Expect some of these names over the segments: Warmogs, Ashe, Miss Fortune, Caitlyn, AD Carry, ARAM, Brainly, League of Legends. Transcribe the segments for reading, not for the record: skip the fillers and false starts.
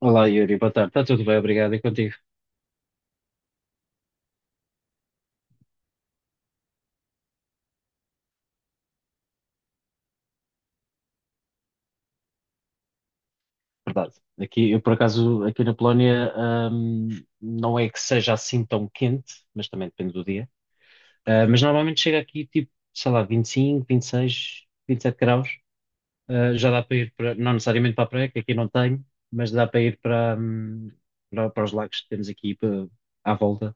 Olá Yuri, boa tarde. Está tudo bem, obrigado. E contigo? Verdade. Aqui, eu por acaso, aqui na Polónia, não é que seja assim tão quente, mas também depende do dia. Mas normalmente chega aqui tipo, sei lá, 25, 26, 27 graus. Já dá para ir para, não necessariamente para a praia, que aqui não tenho, mas dá para ir para, para, para os lagos que temos aqui para, à volta.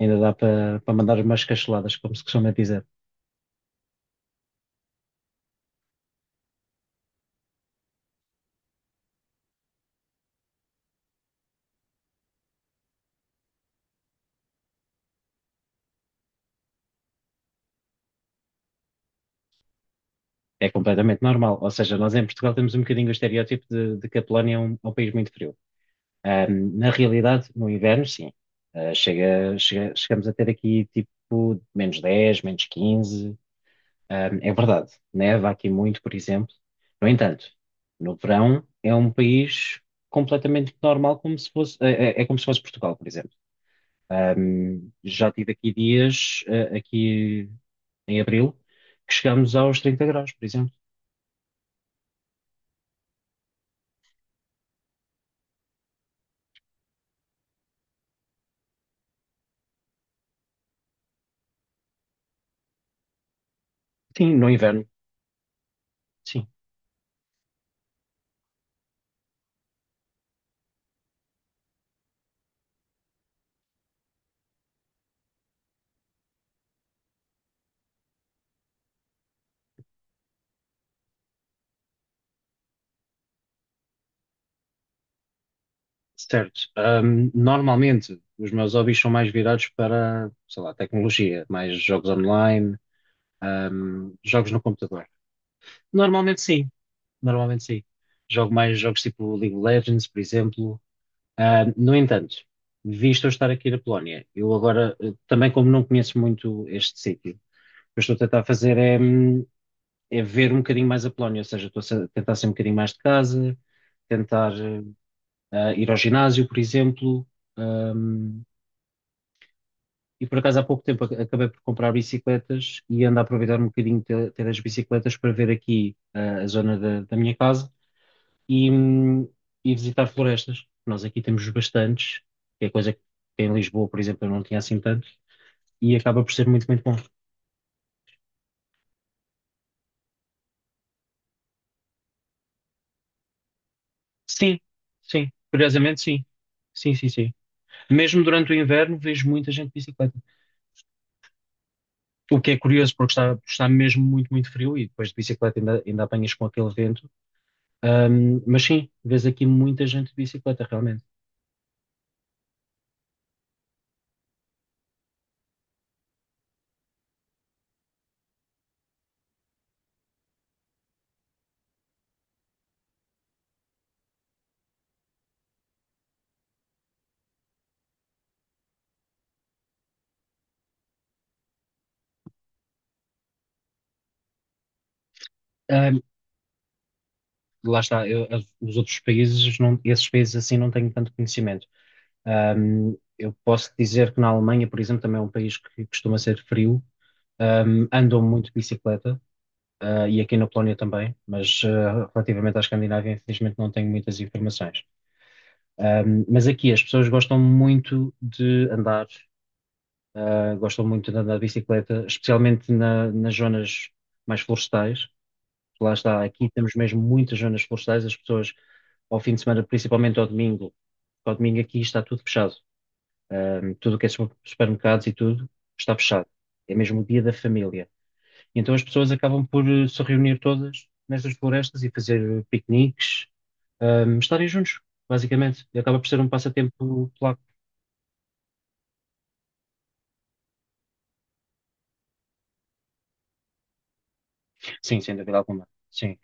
Ainda dá para, para mandar umas cacheladas, como se costuma dizer. É completamente normal. Ou seja, nós em Portugal temos um bocadinho o estereótipo de que a Polónia é um país muito frio. Na realidade, no inverno, sim. Chegamos a ter aqui tipo -10 -15. É verdade, neva aqui muito, por exemplo. No entanto, no verão é um país completamente normal, como se fosse, é como se fosse Portugal, por exemplo. Já tive aqui dias, aqui em abril, que chegamos aos 30 graus, por exemplo. Sim, no inverno, sim. Certo. Normalmente os meus hobbies são mais virados para, sei lá, tecnologia, mais jogos online, jogos no computador. Normalmente sim, normalmente sim. Jogo mais jogos tipo League of Legends, por exemplo. No entanto, visto eu estar aqui na Polónia, eu agora, também como não conheço muito este sítio, o que eu estou a tentar fazer é, é ver um bocadinho mais a Polónia, ou seja, tentar sair um bocadinho mais de casa, tentar ir ao ginásio, por exemplo. E por acaso há pouco tempo acabei por comprar bicicletas e ando a aproveitar um bocadinho ter, ter as bicicletas para ver aqui a zona da minha casa e, hum, e visitar florestas. Nós aqui temos bastantes, que é coisa que em Lisboa, por exemplo, eu não tinha assim tanto, e acaba por ser muito, muito bom. Sim, sim, curiosamente sim. Sim, sim, sim. Mesmo durante o inverno vejo muita gente de bicicleta. O que é curioso porque está, está mesmo muito, muito frio e depois de bicicleta ainda, ainda apanhas com aquele vento. Mas sim, vês aqui muita gente de bicicleta, realmente. Ahm, lá está, os outros países, esses países assim não tenho tanto conhecimento. Eu posso dizer que na Alemanha, por exemplo, também é um país que costuma ser frio, andam muito de bicicleta, e aqui na Polónia também, mas relativamente à Escandinávia, infelizmente não tenho muitas informações. Mas aqui as pessoas gostam muito de andar, gostam muito de andar de bicicleta, especialmente nas zonas mais florestais. Lá está, aqui temos mesmo muitas zonas florestais, as pessoas ao fim de semana, principalmente ao domingo aqui está tudo fechado. Tudo o que é supermercados e tudo está fechado. É mesmo o dia da família. E então as pessoas acabam por se reunir todas nestas florestas e fazer piqueniques, estarem juntos, basicamente. E acaba por ser um passatempo polaco. Sim, sem dúvida alguma. Sim,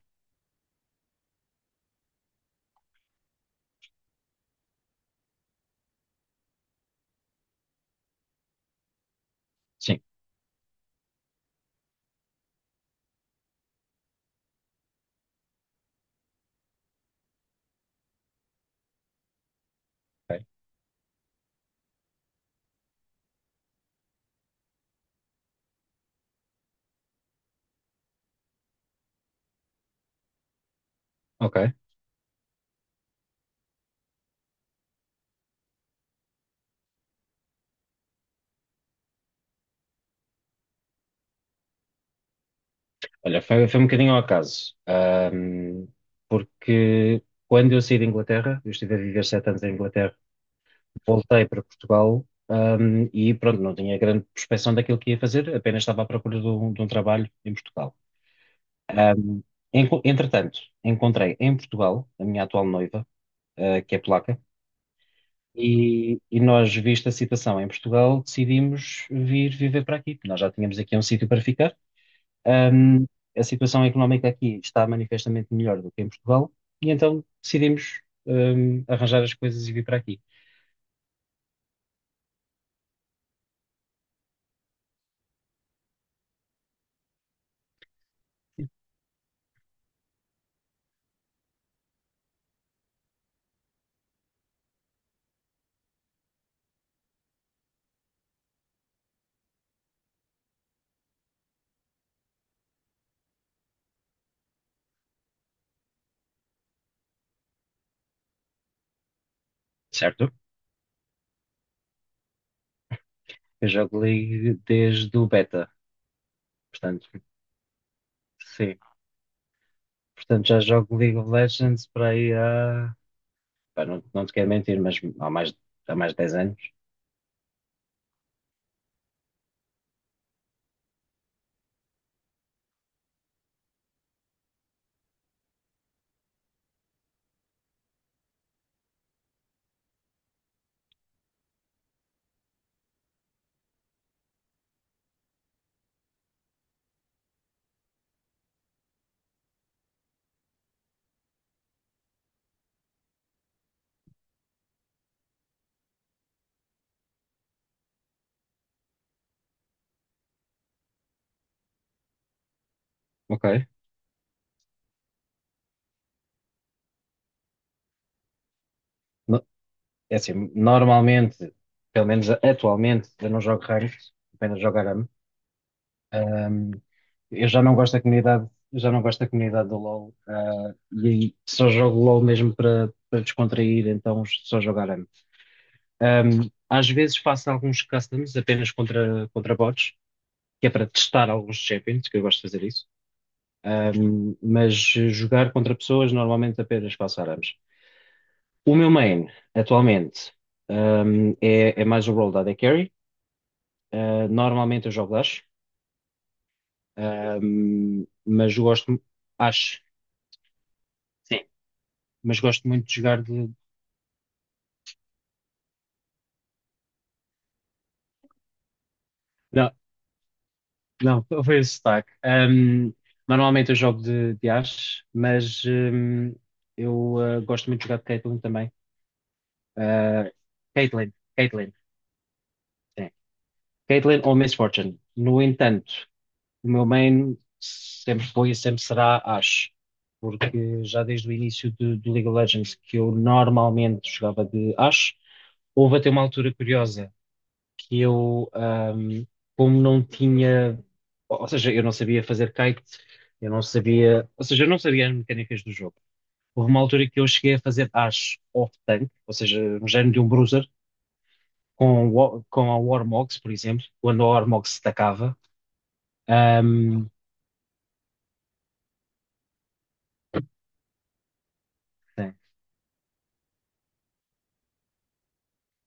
sim. Ok. Ok. Olha, foi, foi um bocadinho ao acaso. Porque quando eu saí da Inglaterra, eu estive a viver 7 anos em Inglaterra, voltei para Portugal, e pronto, não tinha grande prospeção daquilo que ia fazer, apenas estava à procura de um trabalho em Portugal. Ahm, entretanto, encontrei em Portugal a minha atual noiva, que é polaca, e nós, vista a situação em Portugal, decidimos vir viver para aqui. Nós já tínhamos aqui um sítio para ficar. Ahm, a situação económica aqui está manifestamente melhor do que em Portugal e então decidimos, arranjar as coisas e vir para aqui. Certo? Eu jogo League desde o beta, portanto, sim. Portanto, já jogo League of Legends para aí há. Pá, não, não te quero mentir, mas há mais de 10 anos. Ok. No- é assim, normalmente, pelo menos atualmente, eu não jogo ranked, apenas jogo ARAM. Um, eu já não gosto da comunidade, já não gosto da comunidade do LoL, e aí só jogo LoL mesmo para para descontrair, então só jogar ARAM. Às vezes faço alguns customs apenas contra, contra bots, que é para testar alguns champions, que eu gosto de fazer isso. Mas jogar contra pessoas normalmente apenas faço ARAMs. O meu main, atualmente, é, é mais o role da AD Carry. Normalmente eu jogo Dash, mas eu gosto, acho. Mas gosto muito de jogar de. Não, não, foi o sotaque. Normalmente eu jogo de Ashe, mas eu gosto muito de jogar de Caitlyn também. Uh, Caitlyn, Caitlyn, sim. Caitlyn ou Miss Fortune. No entanto, o meu main sempre foi e sempre será Ashe, porque já desde o início do League of Legends que eu normalmente jogava de Ashe, houve até uma altura curiosa. Que eu, como não tinha, ou seja, eu não sabia fazer kite, eu não sabia, ou seja, eu não sabia as mecânicas do jogo. Houve uma altura que eu cheguei a fazer acho off-tank, ou seja, um género de um bruiser, com, com a Warmogs, por exemplo, quando a Warmogs se tacava. Ahm, sim.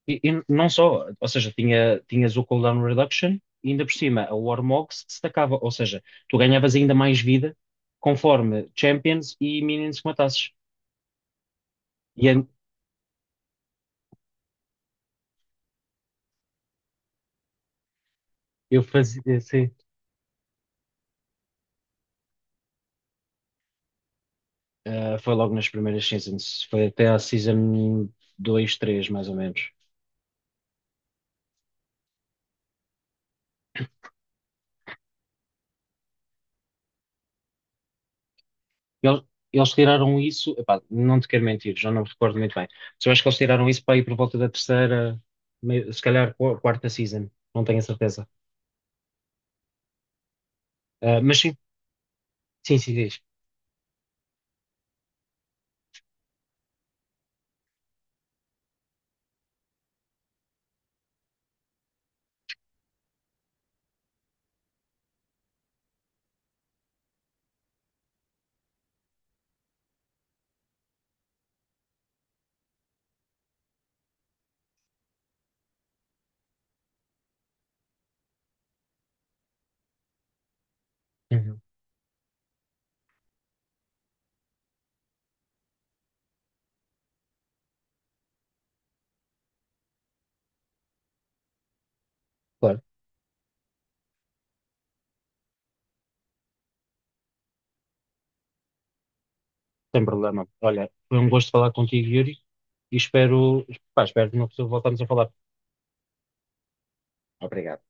E, e não só, ou seja, tinha, tinhas o cooldown reduction, e ainda por cima a Warmogs se tacava, ou seja, tu ganhavas ainda mais vida conforme champions e minions que matasses. E, eu fazia, sim. Ah, foi logo nas primeiras seasons. Foi até à season 2, 3 mais ou menos. Eles, eles tiraram isso. Epá, não te quero mentir, já não me recordo muito bem. Mas eu acho que eles tiraram isso para ir por volta da terceira, se calhar quarta season. Não tenho a certeza. Mas sim, sim, sim, diz. Uhum. Claro, sem problema. Olha, foi um gosto falar contigo, Yuri. E espero, pá, espero que não voltamos a falar. Obrigado.